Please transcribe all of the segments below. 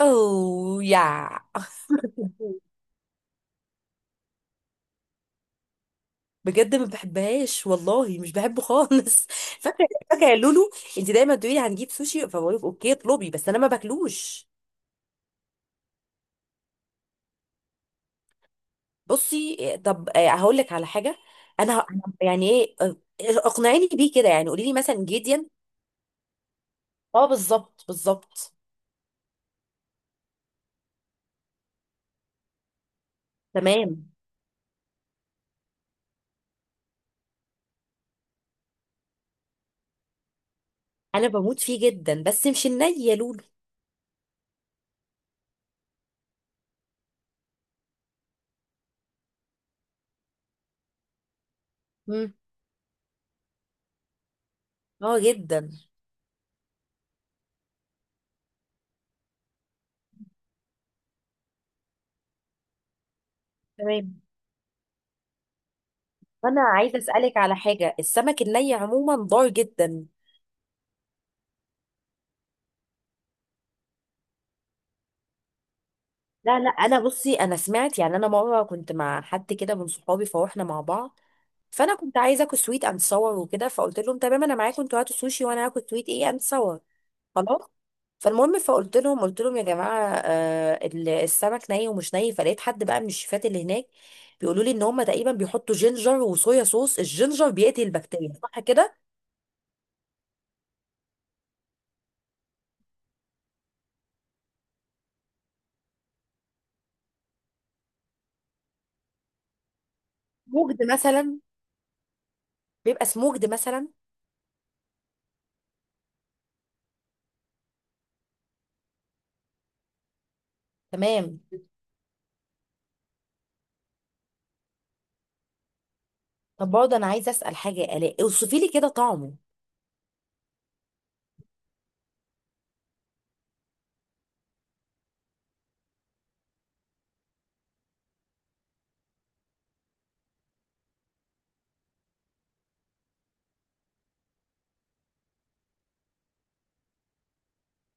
اوه يا بجد ما بحبهاش والله مش بحبه خالص فاكره فاكره يا لولو. انت دايما تقولي هنجيب سوشي، فبقول لك اوكي اطلبي، بس انا ما باكلوش. بصي إيه، طب، هقول لك على حاجه. انا ه- يعني ايه، اقنعيني بيه كده، يعني قولي لي مثلا جيديان. اه، بالظبط بالظبط. تمام، انا بموت فيه جدا، بس مش الني يا لولو. مم. اه، جدا. تمام، انا عايزه اسالك على حاجه. السمك الني عموما ضار جدا؟ لا، لا، انا بصي، انا سمعت، يعني انا مره كنت مع حد كده من صحابي، فروحنا مع بعض. فانا كنت عايزه اكل سويت اند صور وكده، فقلت لهم تمام انا معاكم، انتوا هاتوا سوشي وانا هاكل سويت ايه اند صور. خلاص. فالمهم، فقلت لهم يا جماعه، السمك ني ومش ني. فلقيت حد بقى من الشيفات اللي هناك بيقولوا لي ان هم تقريبا بيحطوا جينجر وصويا صوص، الجينجر بيقتل البكتيريا، صح كده؟ موجد مثلا؟ بيبقى سموجد مثلا. تمام. طب برضه انا عايزه اسال حاجه يا الاء، اوصفي لي كده طعمه.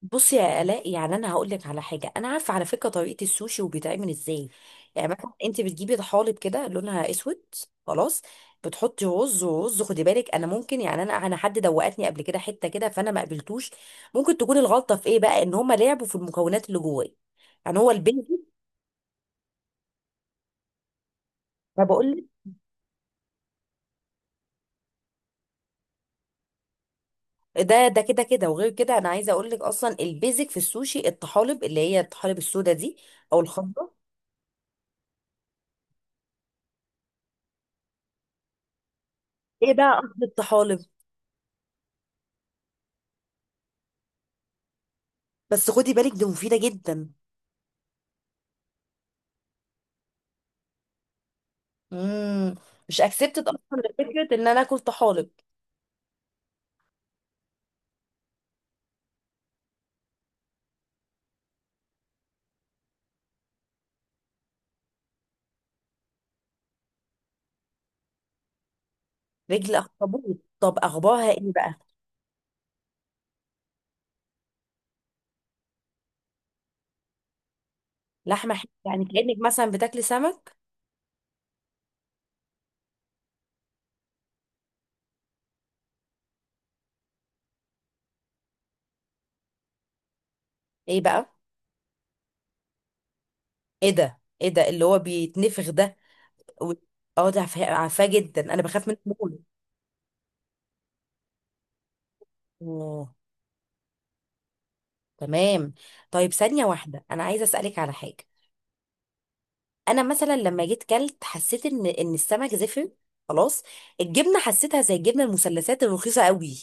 بصي يا آلاء، يعني انا هقول لك على حاجه، انا عارفه على فكره طريقه السوشي وبيتعمل ازاي. يعني مثلا انت بتجيبي طحالب كده لونها اسود. خلاص. بتحطي رز، خدي بالك، انا ممكن، يعني انا حد دوقتني قبل كده حته كده، فانا ما قبلتوش. ممكن تكون الغلطه في ايه بقى؟ ان هم لعبوا في المكونات اللي جواه، يعني هو البيزك. ما بقول لك. ده كده كده، وغير كده انا عايزه اقول لك اصلا البيزك في السوشي الطحالب، اللي هي الطحالب السودا دي، او الخضراء. ايه بقى قصد الطحالب؟ بس خدي بالك دي مفيده جدا. امم. مش اكسبتد اصلا فكره ان انا اكل طحالب. رجل اخطبوط؟ طب اخبارها ايه بقى؟ لحمه حلوه؟ يعني كانك مثلا بتاكلي سمك. ايه بقى؟ ايه ده ايه ده اللي هو بيتنفخ ده؟ و- اه، ده عارفاه عارفاه جدا، انا بخاف منه موت. اوه. تمام. طيب، ثانيه واحده، انا عايزه اسالك على حاجه. انا مثلا لما جيت كلت، حسيت ان السمك زفر. خلاص. الجبنه حسيتها زي الجبنه المثلثات الرخيصه قوي.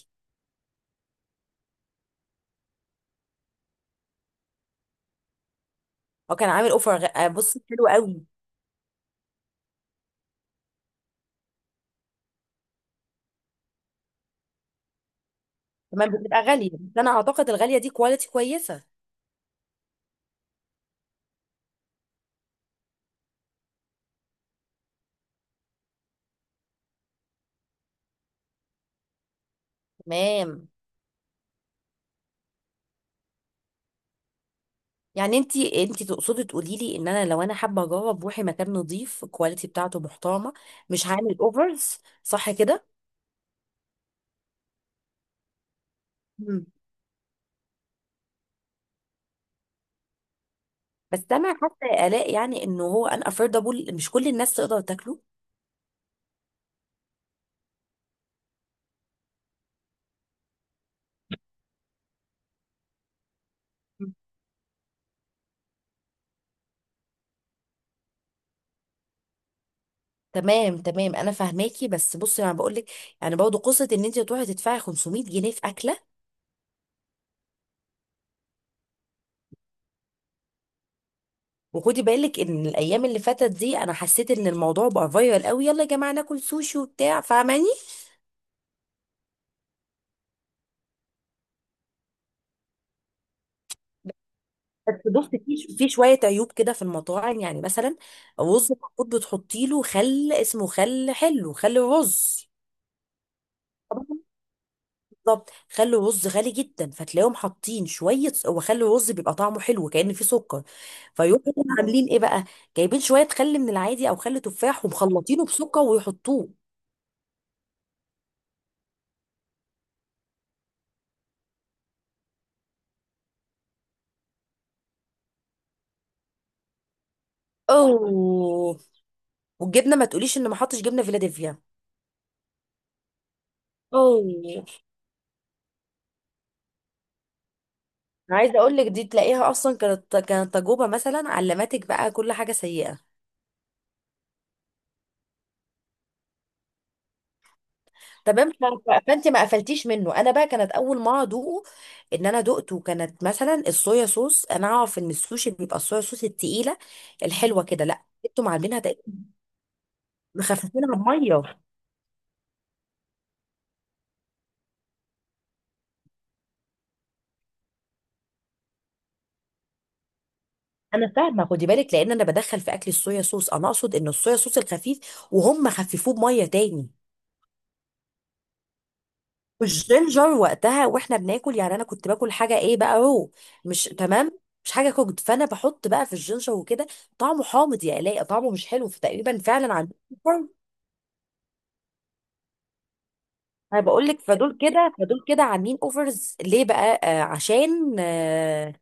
هو كان عامل اوفر بص حلو قوي. تمام، بتبقى غالية، بس انا اعتقد الغالية دي كواليتي كويسة. تمام. يعني انت تقصدي تقولي لي ان انا لو انا حابة اجرب، روحي مكان نظيف الكواليتي بتاعته محترمة. مش هعمل اوفرز، صح كده؟ مم. بس انا حاسة يا الاء، يعني انه هو ان افوردبل مش كل الناس تقدر تاكله. مم. تمام، تمام، انا فاهماكي، بس بصي انا بقول لك. يعني برضه قصه ان انت تروحي تدفعي 500 جنيه في اكله. وخدي بالك ان الايام اللي فاتت دي، انا حسيت ان الموضوع بقى فايرال قوي. يلا يا جماعه ناكل سوشي وبتاع، فاهماني. بس بصي، في شويه عيوب كده في المطاعم، يعني مثلا. رز المفروض بتحطي له خل، اسمه خل حلو، خل رز. بالظبط، خل الرز غالي جدا، فتلاقيهم حاطين شويه، وخل الرز بيبقى طعمه حلو كأن فيه سكر. فيروحوا عاملين ايه بقى؟ جايبين شويه خل من العادي او خل تفاح، ومخلطينه بسكر ويحطوه. اوه. والجبنه ما تقوليش ان ما حطش جبنه فيلادلفيا. اوه، عايزه اقول لك، دي تلاقيها اصلا كانت تجربه مثلا علمتك بقى كل حاجه سيئه. تمام، فانت ما قفلتيش منه، انا بقى كانت اول ما ادوقه. ان انا دقته، كانت مثلا الصويا صوص، انا اعرف ان السوشي بيبقى الصويا صوص التقيله الحلوه كده، لا انتوا معاملينها تقريبا مخففينها بميه. انا فاهمه، خدي بالك، لان انا بدخل في اكل الصويا صوص، انا اقصد ان الصويا صوص الخفيف وهم خففوه بميه تاني. والجينجر وقتها واحنا بناكل، يعني انا كنت باكل حاجه، ايه بقى، رو. مش تمام. مش حاجه كوكد، فانا بحط بقى في الجينجر وكده. طعمه حامض، يا الاقي طعمه مش حلو، فتقريبا فعلا عندي. انا بقول لك، فدول كده عاملين اوفرز ليه بقى؟ عشان.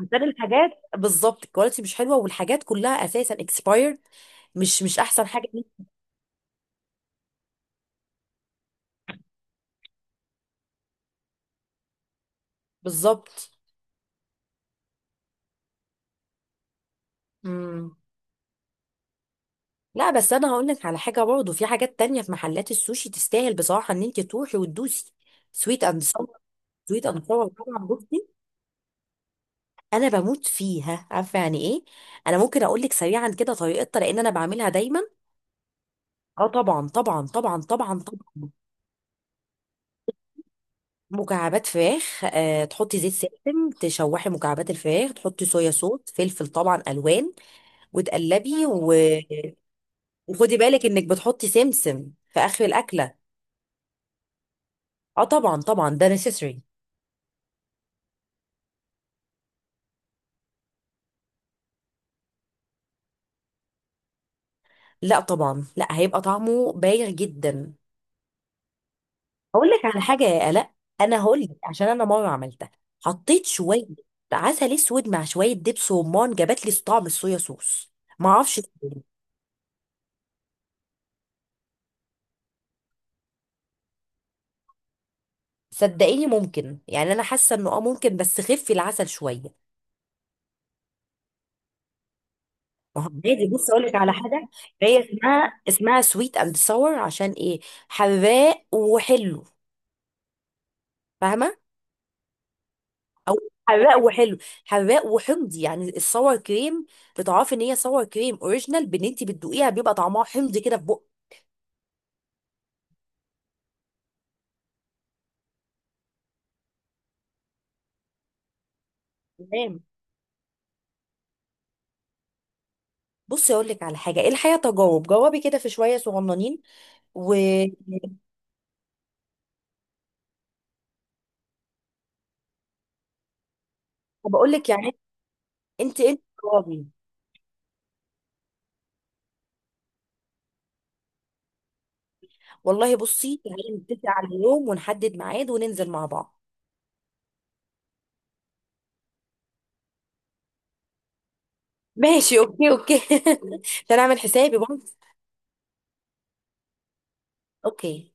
عشان الحاجات بالظبط الكواليتي مش حلوه، والحاجات كلها اساسا اكسباير. مش احسن حاجه ليك. بالظبط. امم. لا، بس انا هقول لك على حاجه برضه، في حاجات تانية في محلات السوشي تستاهل بصراحه ان انت تروحي وتدوسي. سويت اند صور. سويت اند صور طبعا، بصي. انا بموت فيها، عارفه يعني ايه. انا ممكن اقول لك سريعا كده طريقتها، لان انا بعملها دايما. اه، طبعا طبعا طبعا طبعا طبعا. مكعبات فراخ، تحطي زيت سمسم، تشوحي مكعبات الفراخ، تحطي صويا صوص، فلفل، طبعا الوان. وتقلبي. وخدي بالك انك بتحطي سمسم في اخر الاكله. اه، طبعا طبعا ده نسيسري. لا، طبعا لا، هيبقى طعمه باهر جدا. هقول لك على حاجه يا الاء. انا هقول لك عشان انا مره عملتها. حطيت شويه عسل اسود مع شويه دبس رمان، جابت لي طعم الصويا صوص. ما اعرفش ليه. صدقيني ممكن، يعني انا حاسه انه ممكن، بس خفي العسل شويه. عادي، بص اقول لك على حاجه. هي اسمها سويت اند ساور عشان ايه؟ حراق وحلو. فاهمه؟ او. حراق وحلو. حراق وحمضي، يعني الساور كريم. بتعرفي ان هي ساور كريم اوريجينال، بان انت بتدوقيها بيبقى طعمها حمضي كده في بق. تمام، بصي اقول لك على حاجه، ايه الحقيقه تجارب، جربي كده في شويه صغننين. وبقول لك، يعني انت جربي. والله بصي، تعالي نتفق على اليوم ونحدد ميعاد وننزل مع بعض. ماشي، اوكي، اوكي ده انا اعمل حسابي. اوكي